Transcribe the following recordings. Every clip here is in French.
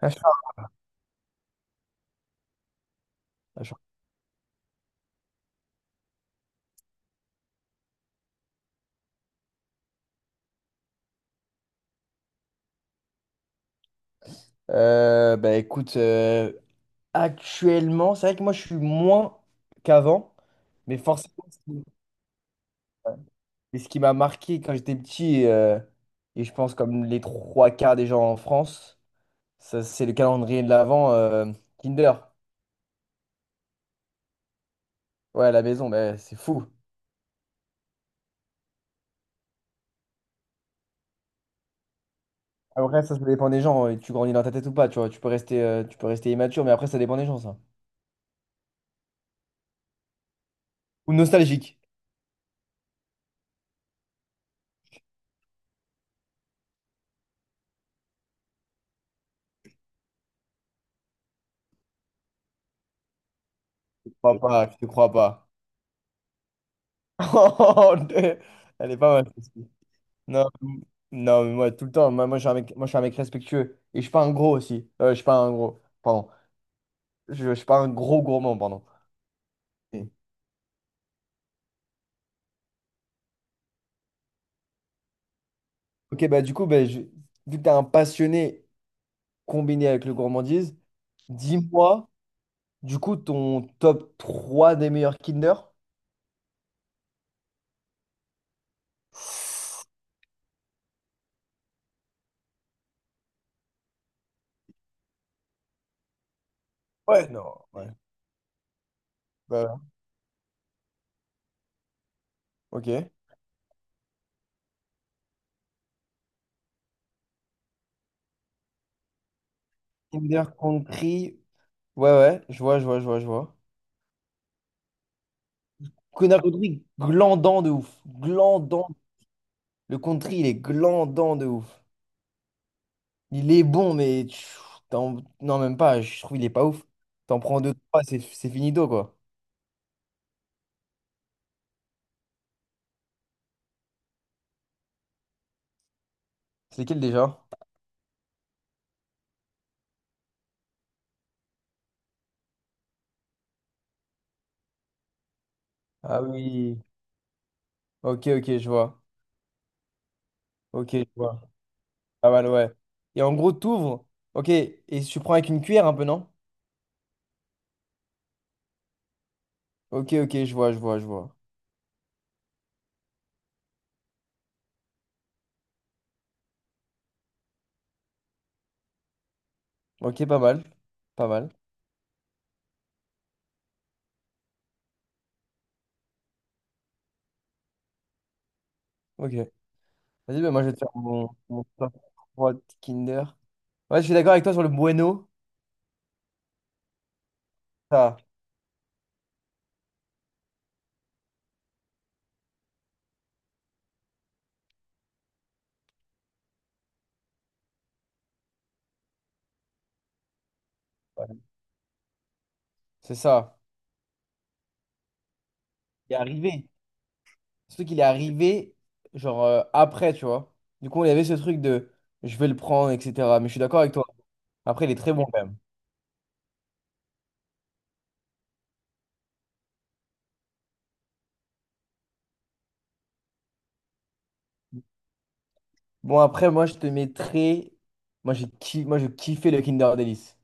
Achat, achat. Bah écoute, actuellement, c'est vrai que moi je suis moins qu'avant, mais forcément, ce qui euh, mais ce qui m'a marqué quand j'étais petit, et je pense comme les trois quarts des gens en France, ça, c'est le calendrier de l'Avent Kinder. Ouais, à la maison, bah, c'est fou. Après, ça dépend des gens, et tu grandis dans ta tête ou pas, tu vois, tu peux rester immature, mais après, ça dépend des gens, ça. Ou nostalgique. Je te crois pas, je te crois pas. Elle est pas mal. Non, non, mais moi, tout le temps, moi, je suis un mec respectueux. Et je suis pas un gros aussi. Je suis pas un gros, pardon. Je suis pas un gros gourmand, pardon. Et- Ok, bah du coup, bah, vu que tu es un passionné combiné avec le gourmandise, dis-moi, du coup, ton top trois des meilleurs Kinder? Ouais, non, ouais. Voilà, ok. Kinder Country. Ouais, ouais, je vois, je vois, je vois, je vois. Kinder Country, glandant de ouf. Glandant. Le country, il est glandant de ouf. Il est bon, mais non, même pas. Je trouve il est pas ouf. T'en prends deux, trois, c'est finito, quoi. C'est lequel déjà? Ah oui. Ok, ok, je vois. Ok, je vois. Pas mal, ouais. Et en gros, t'ouvres. Ok, et tu prends avec une cuillère un peu, non? Ok, ok, je vois, je vois, je vois. Ok, pas mal. Pas mal. Ok. Vas-y, bah, moi, je vais te faire mon top 3 Kinder. Ouais, je suis d'accord avec toi sur le bueno. Ça, ouais, c'est ça. Il est arrivé. Surtout qu'il est arrivé, genre, après, tu vois. Du coup, il y avait ce truc de je vais le prendre, etc. Mais je suis d'accord avec toi. Après, il est très bon, quand même. Bon, après, moi, je te mettrais. Moi, je kiffais le Kinder Delice.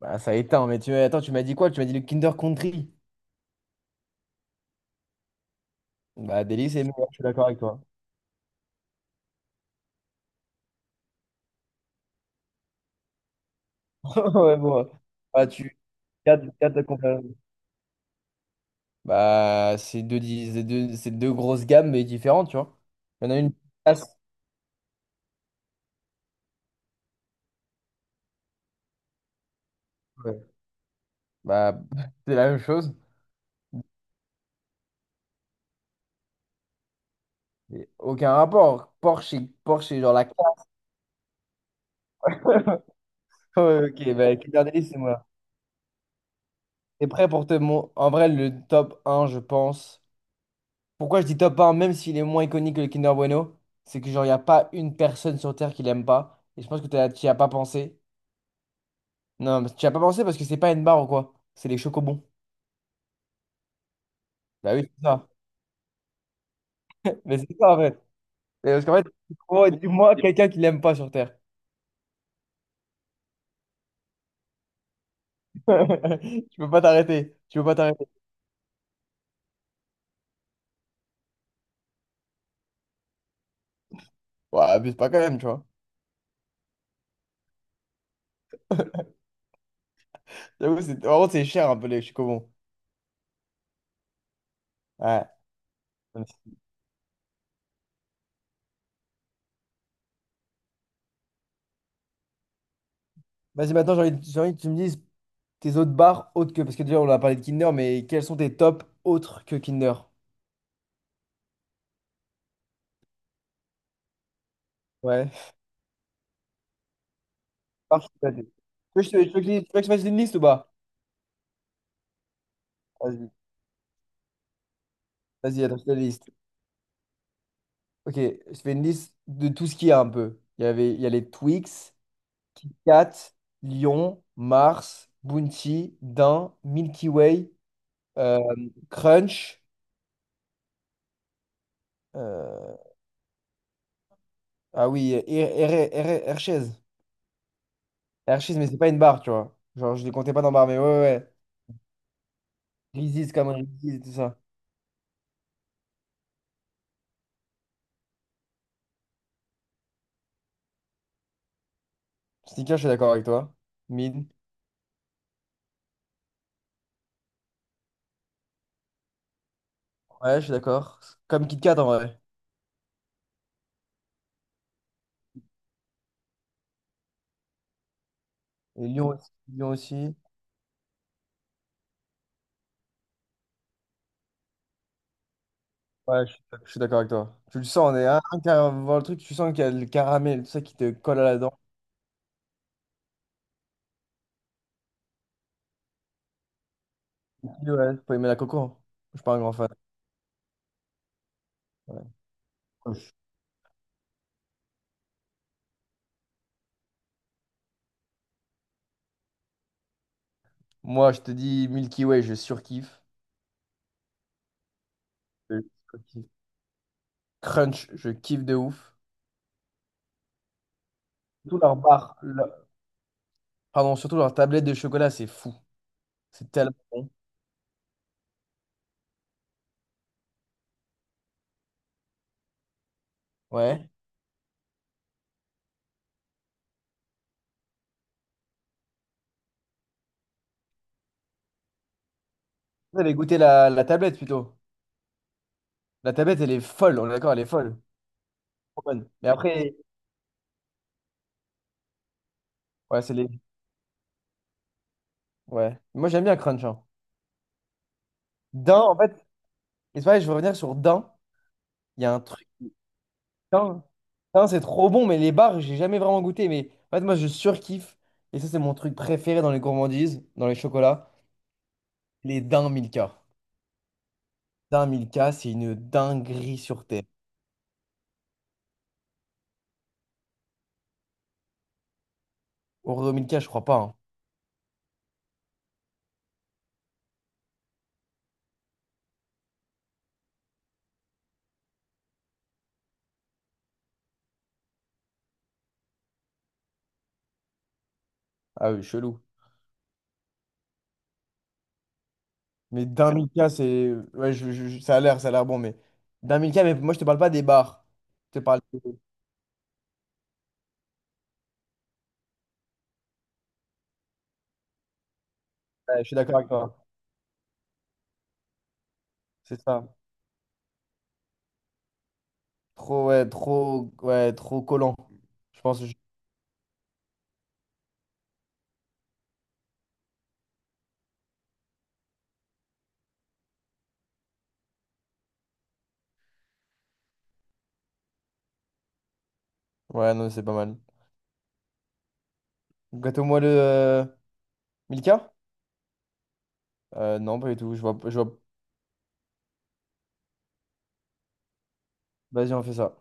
Bah, ça éteint, mais attends, tu m'as dit quoi? Tu m'as dit le Kinder Country. Bah, Delice est meilleur, je suis d'accord avec toi. Ouais, bon. Ouais. Bah, garde ta comparaison. Bah, c'est deux, dis- c'est deux grosses gammes, mais différentes, tu vois. Il y en a une qui casse. Ouais. Bah, c'est la même chose. Et aucun rapport. Porsche, c'est genre la classe. Oh, ok, bah écoute, c'est moi. T'es prêt. En vrai, le top un je pense. Pourquoi je dis top un même s'il est moins iconique que le Kinder Bueno, c'est que genre, il n'y a pas une personne sur Terre qui l'aime pas. Et je pense que tu n'y as pas pensé. Non, mais tu n'y as pas pensé parce que c'est pas une barre ou quoi. C'est les chocobons. Bah oui, c'est ça. Mais c'est ça, en fait. Et parce qu'en fait, oh, dis-moi quelqu'un qui l'aime pas sur Terre. Tu peux pas t'arrêter. Tu peux pas t'arrêter. Ouais, abuse pas quand même, tu vois. J'avoue. En gros, c'est cher un peu les chocobons. Ouais. Vas-y, maintenant, j'ai envie que tu me dises tes autres bars autres que. Parce que déjà, on a parlé de Kinder, mais quels sont tes tops autres que Kinder? Ouais. Bars, je sais pas, tu veux que je te- tu veux que je tu veux que je fasse une liste ou pas? Vas-y, vas-y, attends, je fais une liste. Ok, je fais une liste de tout ce qu'il y a un peu. Il y a les Twix, Cat, Lion, Mars, Bounty, Daim, Milky Way, euh, Crunch. euh, ah oui, Hershey's. Hershey's, mais c'est pas une barre, tu vois. Genre, je les comptais pas dans barre, mais ouais, ouais. Ouais. Reese's, Cameron Reese's, tout ça. Snickers, je suis d'accord avec toi. Mid. Ouais, je suis d'accord. Comme Kit Kat en vrai. Et Lyon aussi. Lyon aussi. Ouais, je suis d'accord avec toi. Tu le sens, on est un, avant voir le truc, tu sens qu'il y a le caramel, tout ça qui te colle à la dent. Milky Way, faut aimer la coco, hein. Je suis pas un grand fan. Ouais. Proche. Moi, je te dis Milky Way, je surkiffe. Je surkiffe. Crunch, je kiffe de ouf. Surtout leur barre, pardon, surtout leur tablette de chocolat, c'est fou. C'est tellement bon. Ouais. Vous avez goûté la tablette plutôt. La tablette, elle est folle, on est d'accord, elle est folle. Trop bonne. Mais après, ouais, c'est les. Ouais. Moi, j'aime bien Crunch, hein. Dain, en fait, et c'est pareil, je veux revenir sur Dain. Il y a un truc. Dain, Dain, c'est trop bon, mais les bars, j'ai jamais vraiment goûté. Mais en fait, moi, je surkiffe. Et ça, c'est mon truc préféré dans les gourmandises, dans les chocolats. Les Dain Milka. Dain Milka, c'est une dinguerie sur terre. Oreo Milka, je crois pas, hein. Ah oui, chelou. Mais d'un Milka, c'est. Ouais, ça a l'air bon. D'un Milka, mais moi, je te parle pas des bars. Je te parle. Ouais, je suis d'accord avec toi. C'est ça. Trop, ouais, trop, ouais, trop collant. Je pense que je- Ouais, non, c'est pas mal. Gâteau moelleux, Milka? Non, pas du tout. Je vois. Vas-y, on fait ça.